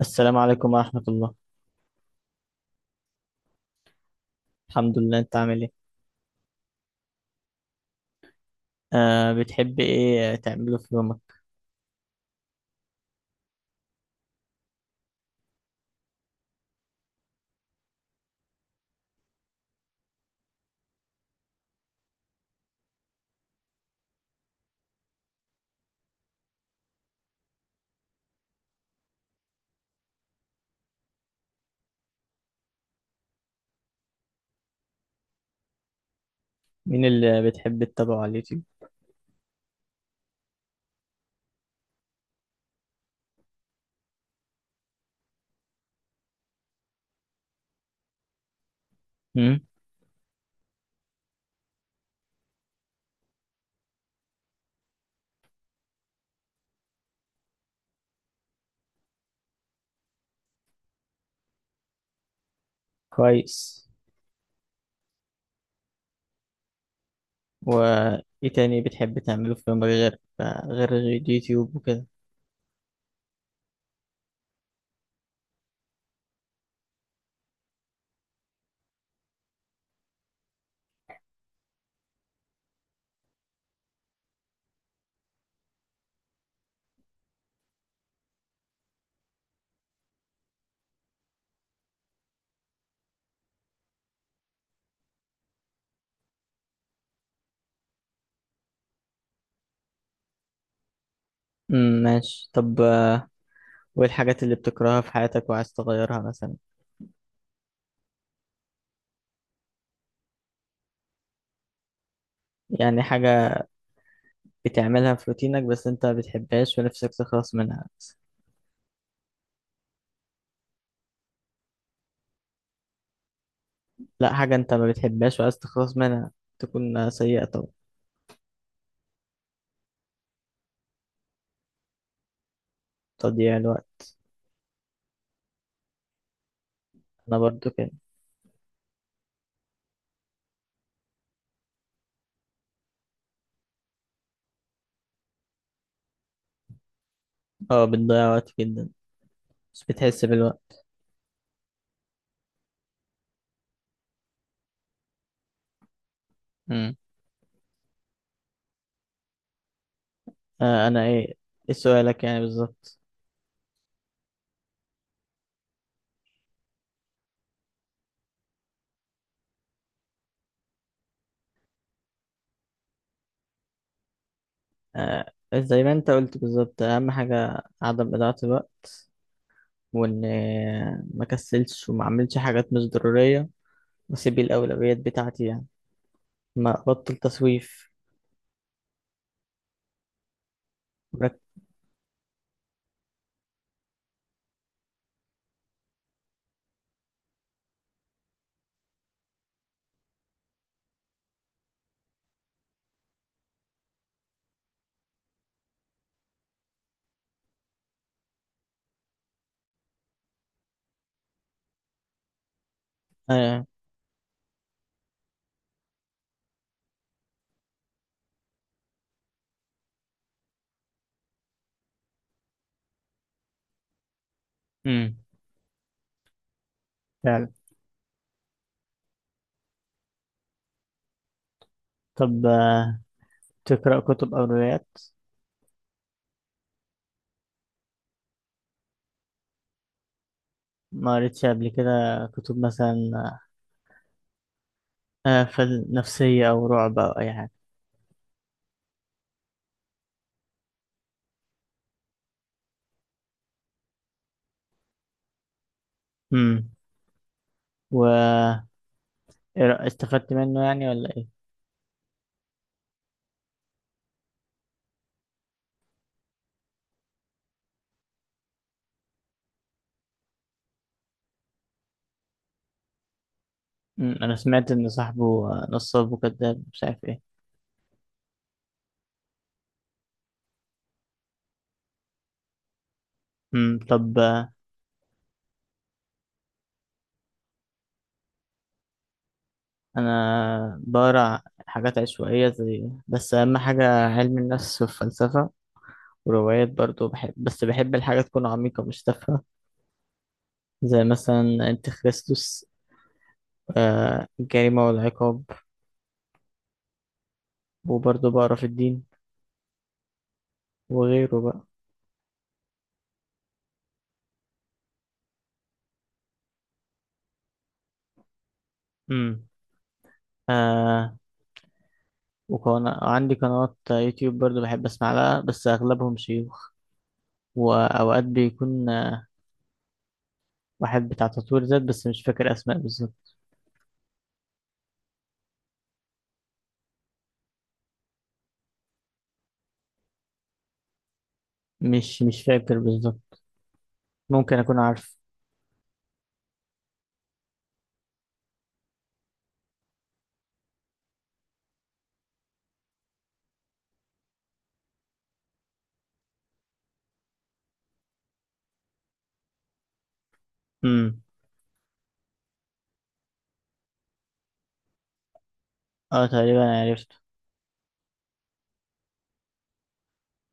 السلام عليكم ورحمة الله. الحمد لله، انت عامل ايه؟ آه، بتحب ايه تعمله في يومك؟ مين اللي بتحب تتابعه على اليوتيوب؟ امم، كويس. وايه تاني بتحب تعمله في يومك غير اليوتيوب وكده؟ امم، ماشي. طب، وايه الحاجات اللي بتكرهها في حياتك وعايز تغيرها مثلا؟ يعني حاجة بتعملها في روتينك بس انت ما بتحبهاش ونفسك تخلص منها. لا، حاجة انت ما بتحبهاش وعايز تخلص منها، تكون سيئة طبعا. تضييع الوقت. انا برضو كده. اه، بتضيع وقت جدا بس بتحس بالوقت. امم. آه، انا ايه؟ ايه سؤالك يعني بالظبط؟ آه، زي ما انت قلت بالظبط، اهم حاجة عدم إضاعة الوقت. وان، ما كسلش وما اعملش حاجات مش ضرورية، واسيب الاولويات بتاعتي يعني. ما ابطل تسويف. مرك... آه. امم، فعلا. طب، تقرأ كتب او روايات؟ ما قريتش قبل كده كتب مثلا نفسية او رعب او اي حاجة؟ امم. و إيه استفدت منه يعني ولا ايه؟ انا سمعت ان صاحبه نصاب وكذاب مش عارف ايه. طب، انا بقرا حاجات عشوائيه زي بس اهم حاجه علم النفس والفلسفه. وروايات برضو بحب، بس بحب الحاجه تكون عميقه مش تافهه. زي مثلا انت خريستوس، الجريمه والعقاب. وبرضو بقرا في الدين وغيره بقى. امم، آه. وكان عندي قنوات يوتيوب برضو بحب اسمع لها بس اغلبهم شيوخ. واوقات بيكون واحد بتاع تطوير ذات بس مش فاكر اسماء بالظبط. مش فاكر بالظبط، ممكن اكون عارف. امم، اه، تقريبا عرفت.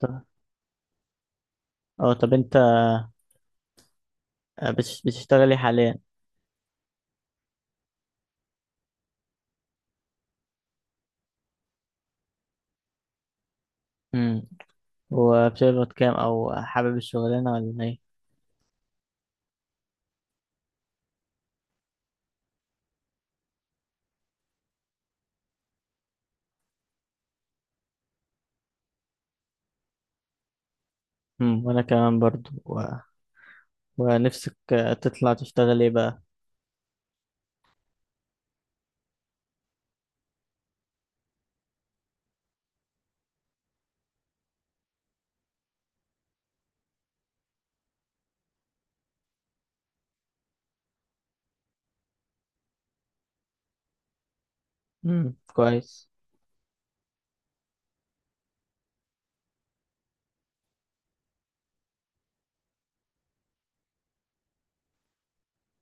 طب- اه، طب انت بتشتغلي حاليا؟ امم وبتقبض كام، او حابب الشغلانه ولا ايه؟ وانا كمان برضو، ونفسك تطلع تشتغل ايه بقى؟ امم، كويس.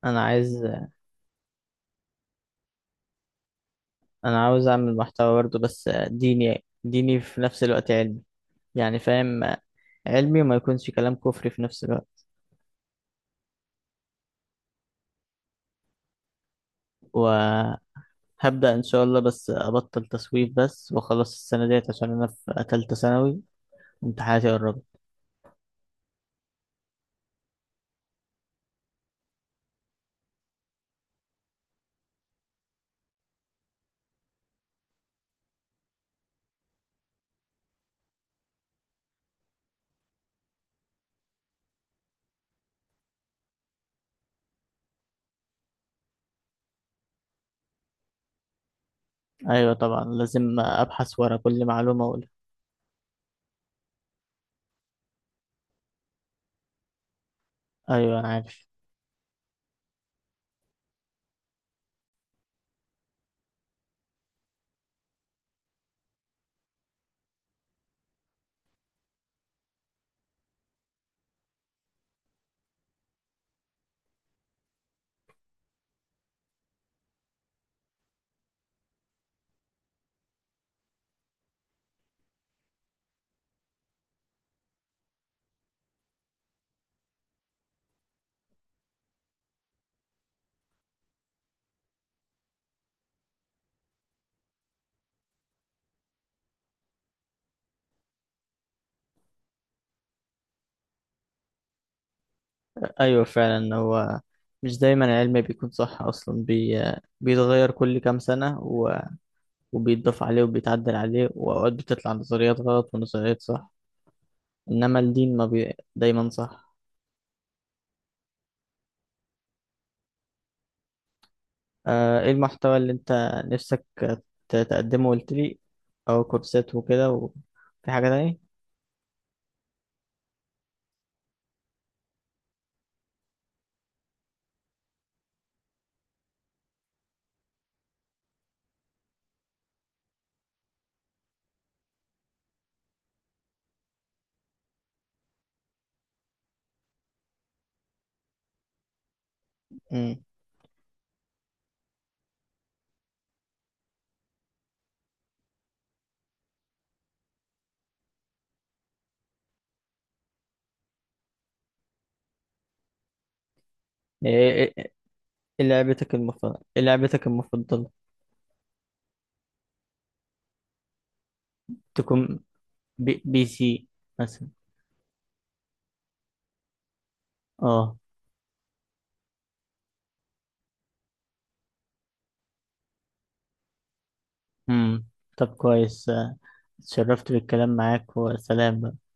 انا عايز انا عاوز اعمل محتوى برضو بس ديني ديني في نفس الوقت علمي. يعني فاهم، علمي وما يكونش كلام كفري في نفس الوقت. و هبدأ إن شاء الله، بس أبطل تسويف بس وأخلص السنة ديت عشان أنا في تالتة ثانوي. امتحاناتي قربت. أيوة، طبعا لازم أبحث ورا كل معلومة أقولها. أيوة، أنا عارف. أيوة فعلا، هو مش دايما العلم بيكون صح أصلا، بيتغير كل كام سنة، وبيتضاف عليه وبيتعدل عليه، وأوقات بتطلع نظريات غلط ونظريات صح. إنما الدين ما بي... دايما صح. إيه المحتوى اللي أنت نفسك تقدمه؟ قلت لي أو كورسات وكده، وفي حاجة تانية؟ امم إيه إيه- إيه لعبتك المفضلة؟ تكون PC مثلا؟ اه، امم، طب كويس، اتشرفت بالكلام معاك وسلام بقى.